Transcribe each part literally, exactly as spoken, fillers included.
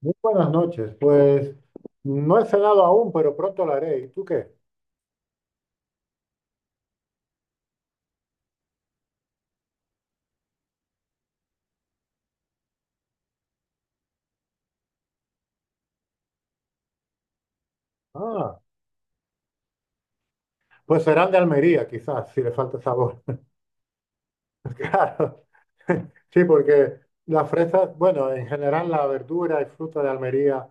Muy buenas noches. Pues no he cenado aún, pero pronto lo haré. ¿Y tú qué? Ah, pues serán de Almería, quizás, si le falta sabor. Claro. Sí, porque las fresas, bueno, en general la verdura y fruta de Almería,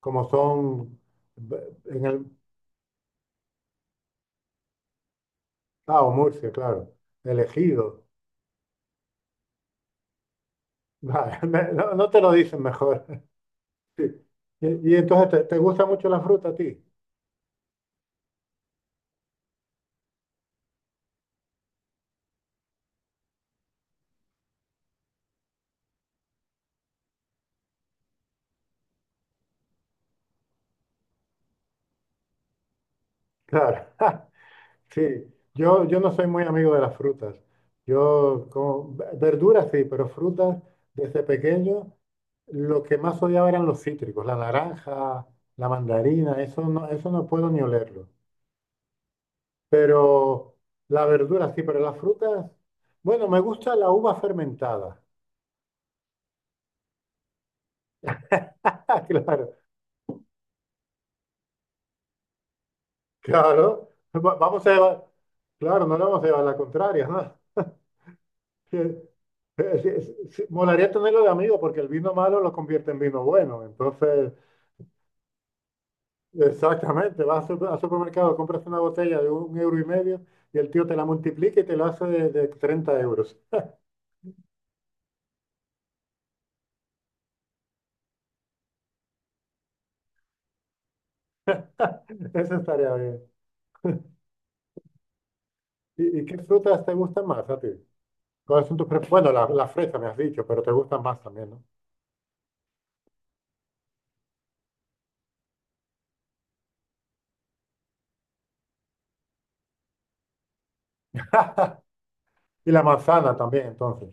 como son b- en el... Ah, o Murcia, claro. Elegido. Vale, me- no, no te lo dicen mejor. Sí. Y, y entonces, ¿te, te gusta mucho la fruta a ti? Claro. Sí, yo, yo no soy muy amigo de las frutas. Yo como ve- verduras sí, pero frutas desde pequeño lo que más odiaba eran los cítricos, la naranja, la mandarina, eso no, eso no puedo ni olerlo. Pero la verdura sí, pero las frutas, bueno, me gusta la uva fermentada. Ah, claro, claro. Va- Vamos a llevar, claro, no le vamos a llevar la contraria, ¿no? Sí, sí, sí, molaría tenerlo de amigo porque el vino malo lo convierte en vino bueno, entonces. Exactamente, vas al super- al supermercado, compras una botella de un euro y medio y el tío te la multiplica y te lo hace de, de treinta euros. Eso estaría bien. ¿Y, y qué frutas te gustan más a ti? ¿Cuáles son tus pre- Bueno, la, la fresa me has dicho, pero te gustan más también, ¿no? Y la manzana también, entonces.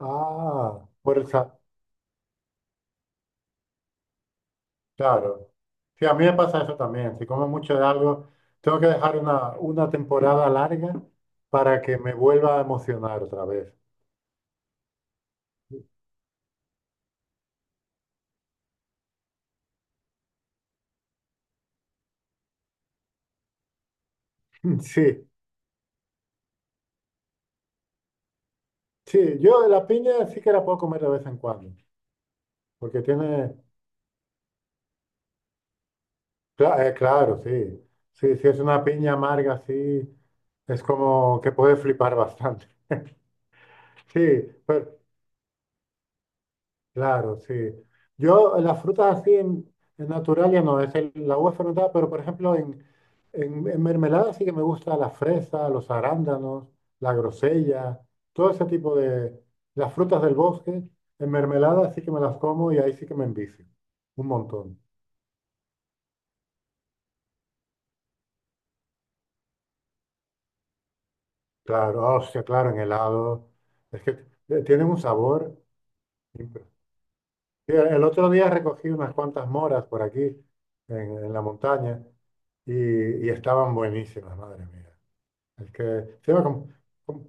Ah, por el sa- claro. Sí, a mí me pasa eso también. Si como mucho de algo, tengo que dejar una, una temporada larga para que me vuelva a emocionar otra vez. Sí. Sí, yo la piña sí que la puedo comer de vez en cuando, porque tiene, cla- eh, claro, sí, sí, si es una piña amarga, sí, es como que puede flipar bastante. Sí, pero, claro, sí. Yo eh, las frutas así en, en natural ya no, es el- la uva fermentada, pero por ejemplo en, en, en mermelada sí que me gusta la fresa, los arándanos, la grosella, todo ese tipo de, las frutas del bosque, en mermelada sí que me las como y ahí sí que me envicio, un montón. Claro, oh, hostia, claro, en helado. Es que eh, tienen un sabor. impre- Mira, el otro día recogí unas cuantas moras por aquí, en, en, la montaña, y, y estaban buenísimas, madre mía. Es que, sí, va como- como-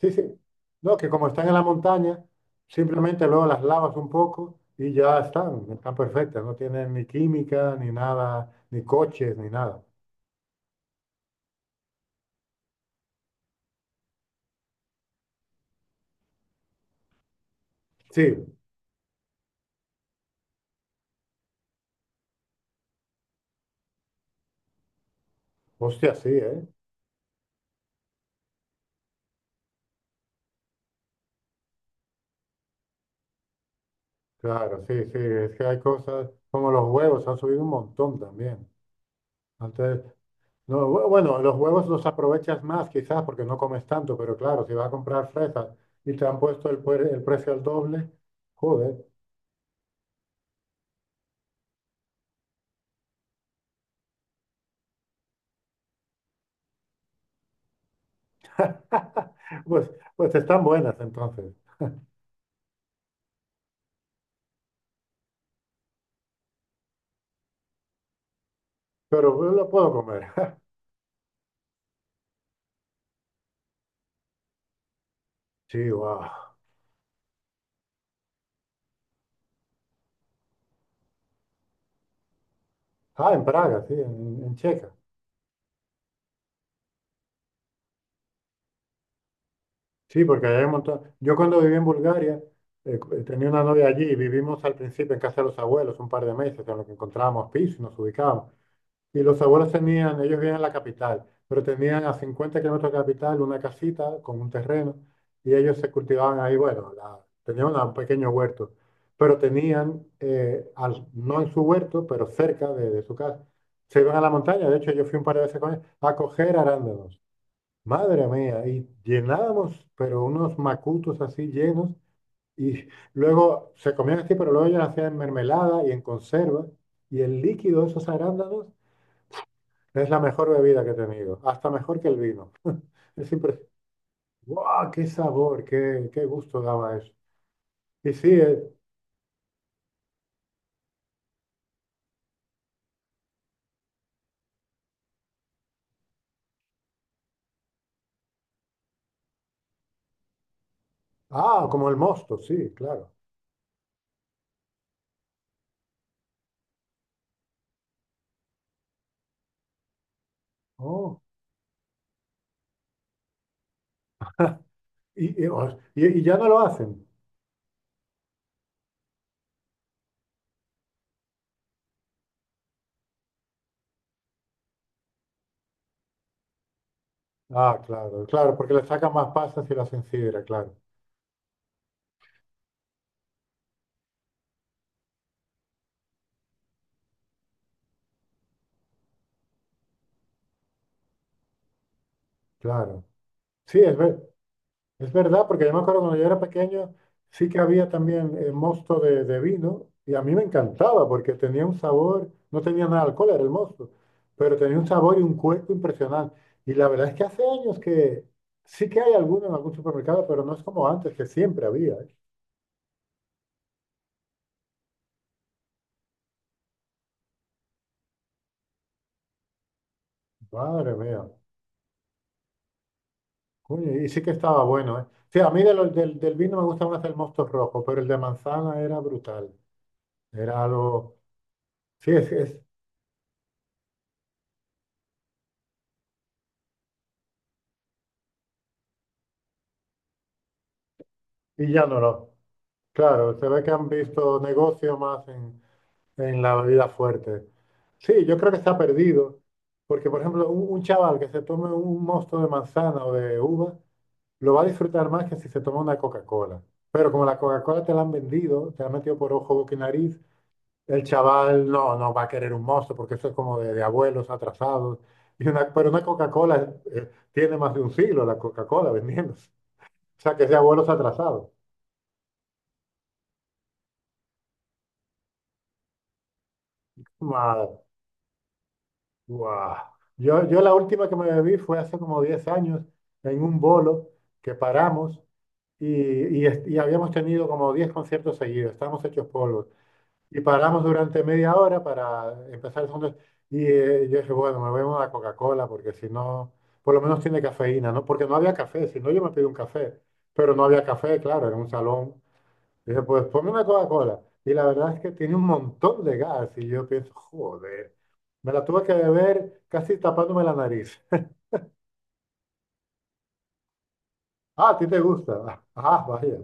sí, sí. No, que como están en la montaña, simplemente luego las lavas un poco y ya están, están perfectas. No tienen ni química, ni nada, ni coches, ni nada. Sí, hostia, sí, ¿eh? Claro, sí, sí, es que hay cosas como los huevos, han subido un montón también. Antes, no, bu- bueno, los huevos los aprovechas más quizás porque no comes tanto, pero claro, si vas a comprar fresas y te han puesto el, puer- el precio al doble, joder, pues, pues están buenas entonces, pero lo puedo comer. Sí, wow. Ah, en Praga, sí, en, en Checa. Sí, porque allá hay un montón. Yo cuando viví en Bulgaria, eh, cu- eh, tenía una novia allí y vivimos al principio en casa de los abuelos un par de meses, en lo que encontrábamos piso y nos ubicábamos. Y los abuelos tenían, ellos vivían en la capital, pero tenían a cincuenta kilómetros de la capital una casita con un terreno y ellos se cultivaban ahí, bueno, la- tenían una- un pequeño huerto, pero tenían, eh, al- no en su huerto, pero cerca de, de su casa, se iban a la montaña, de hecho yo fui un par de veces con ellos, a coger arándanos. Madre mía, y llenábamos, pero unos macutos así llenos, y luego se comían así, pero luego ellos hacían en mermelada y en conserva, y el líquido de esos arándanos es la mejor bebida que he tenido, hasta mejor que el vino. Es impresionante. ¡Wow! ¡Qué sabor! ¡Qué, qué gusto daba eso! Y sí, eh, ah, como el mosto, sí, claro. Oh, y, y, os- y- y ya no lo hacen. Ah, claro, claro, porque le sacan más pasas y lo hacen sidra, claro, claro. Sí, es verdad. Es verdad, porque yo me acuerdo cuando yo era pequeño, sí que había también eh, mosto de, de vino y a mí me encantaba porque tenía un sabor, no tenía nada de alcohol, era el mosto, pero tenía un sabor y un cuerpo impresionante. Y la verdad es que hace años que sí que hay alguno en algún supermercado, pero no es como antes, que siempre había, ¿eh? Madre mía, coño, y sí que estaba bueno, ¿eh? Sí, a mí de los- del, del vino me gusta más el mosto rojo, pero el de manzana era brutal, era algo, sí, es, es- y ya no lo. Claro, se ve que han visto negocio más en, en la bebida fuerte. Sí, yo creo que está perdido, porque por ejemplo, un, un chaval que se tome un mosto de manzana o de uva, lo va a disfrutar más que si se toma una Coca-Cola. Pero como la Coca-Cola te la han vendido, te la han metido por ojo, boca y nariz, el chaval no, no va a querer un mosto, porque eso es como de, de abuelos atrasados. Y una, pero una Coca-Cola eh, tiene más de un siglo la Coca-Cola vendiéndose. O sea, que es de abuelos atrasados. Madre. Guau. Yo, yo la última que me bebí fue hace como diez años en un bolo que paramos y, y est- y habíamos tenido como diez conciertos seguidos, estábamos hechos polvos. Y paramos durante media hora para empezar el segundo. Y eh, yo dije, bueno, me voy a una Coca-Cola porque si no, por lo menos tiene cafeína, ¿no? Porque no había café, si no yo me pido un café. Pero no había café, claro, en un salón. Dije, pues ponme una Coca-Cola. Y la verdad es que tiene un montón de gas. Y yo pienso, joder, me la tuve que beber casi tapándome la nariz. Ah, ¿a ti te gusta? Ah, vaya.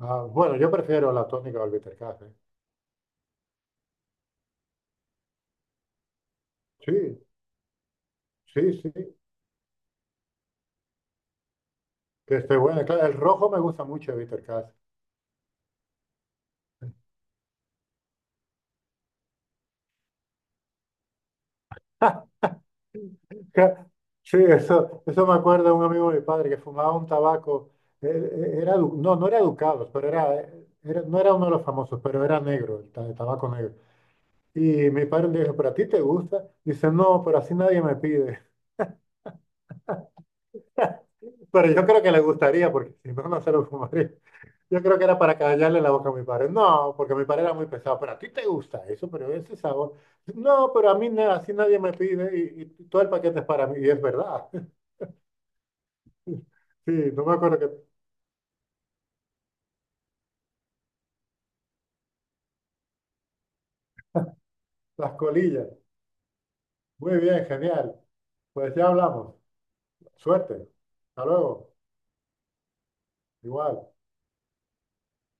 Ah, bueno, yo prefiero la tónica o el bitter café. Sí, sí, sí, que esté buena. Claro, el rojo me gusta mucho el bitter café. Ca- Sí, eso, eso me acuerda un amigo de mi padre que fumaba un tabaco. Él- él era, du- no, no era Ducados, pero era, era- no era uno de los famosos, pero era negro, el ta- el tabaco negro. Y mi padre le dijo, ¿pero a ti te gusta? Dice, no, pero así nadie me pide. Pero yo creo que le gustaría, porque si no, no se lo fumaría. Yo creo que era para callarle la boca a mi padre. No, porque mi padre era muy pesado, pero a ti te gusta eso, pero ese sabor. No, pero a mí na- así nadie me pide y, y todo el paquete es para mí. Y es verdad. Sí, no me acuerdo que las colillas. Muy bien, genial. Pues ya hablamos. Suerte. Hasta luego. Igual.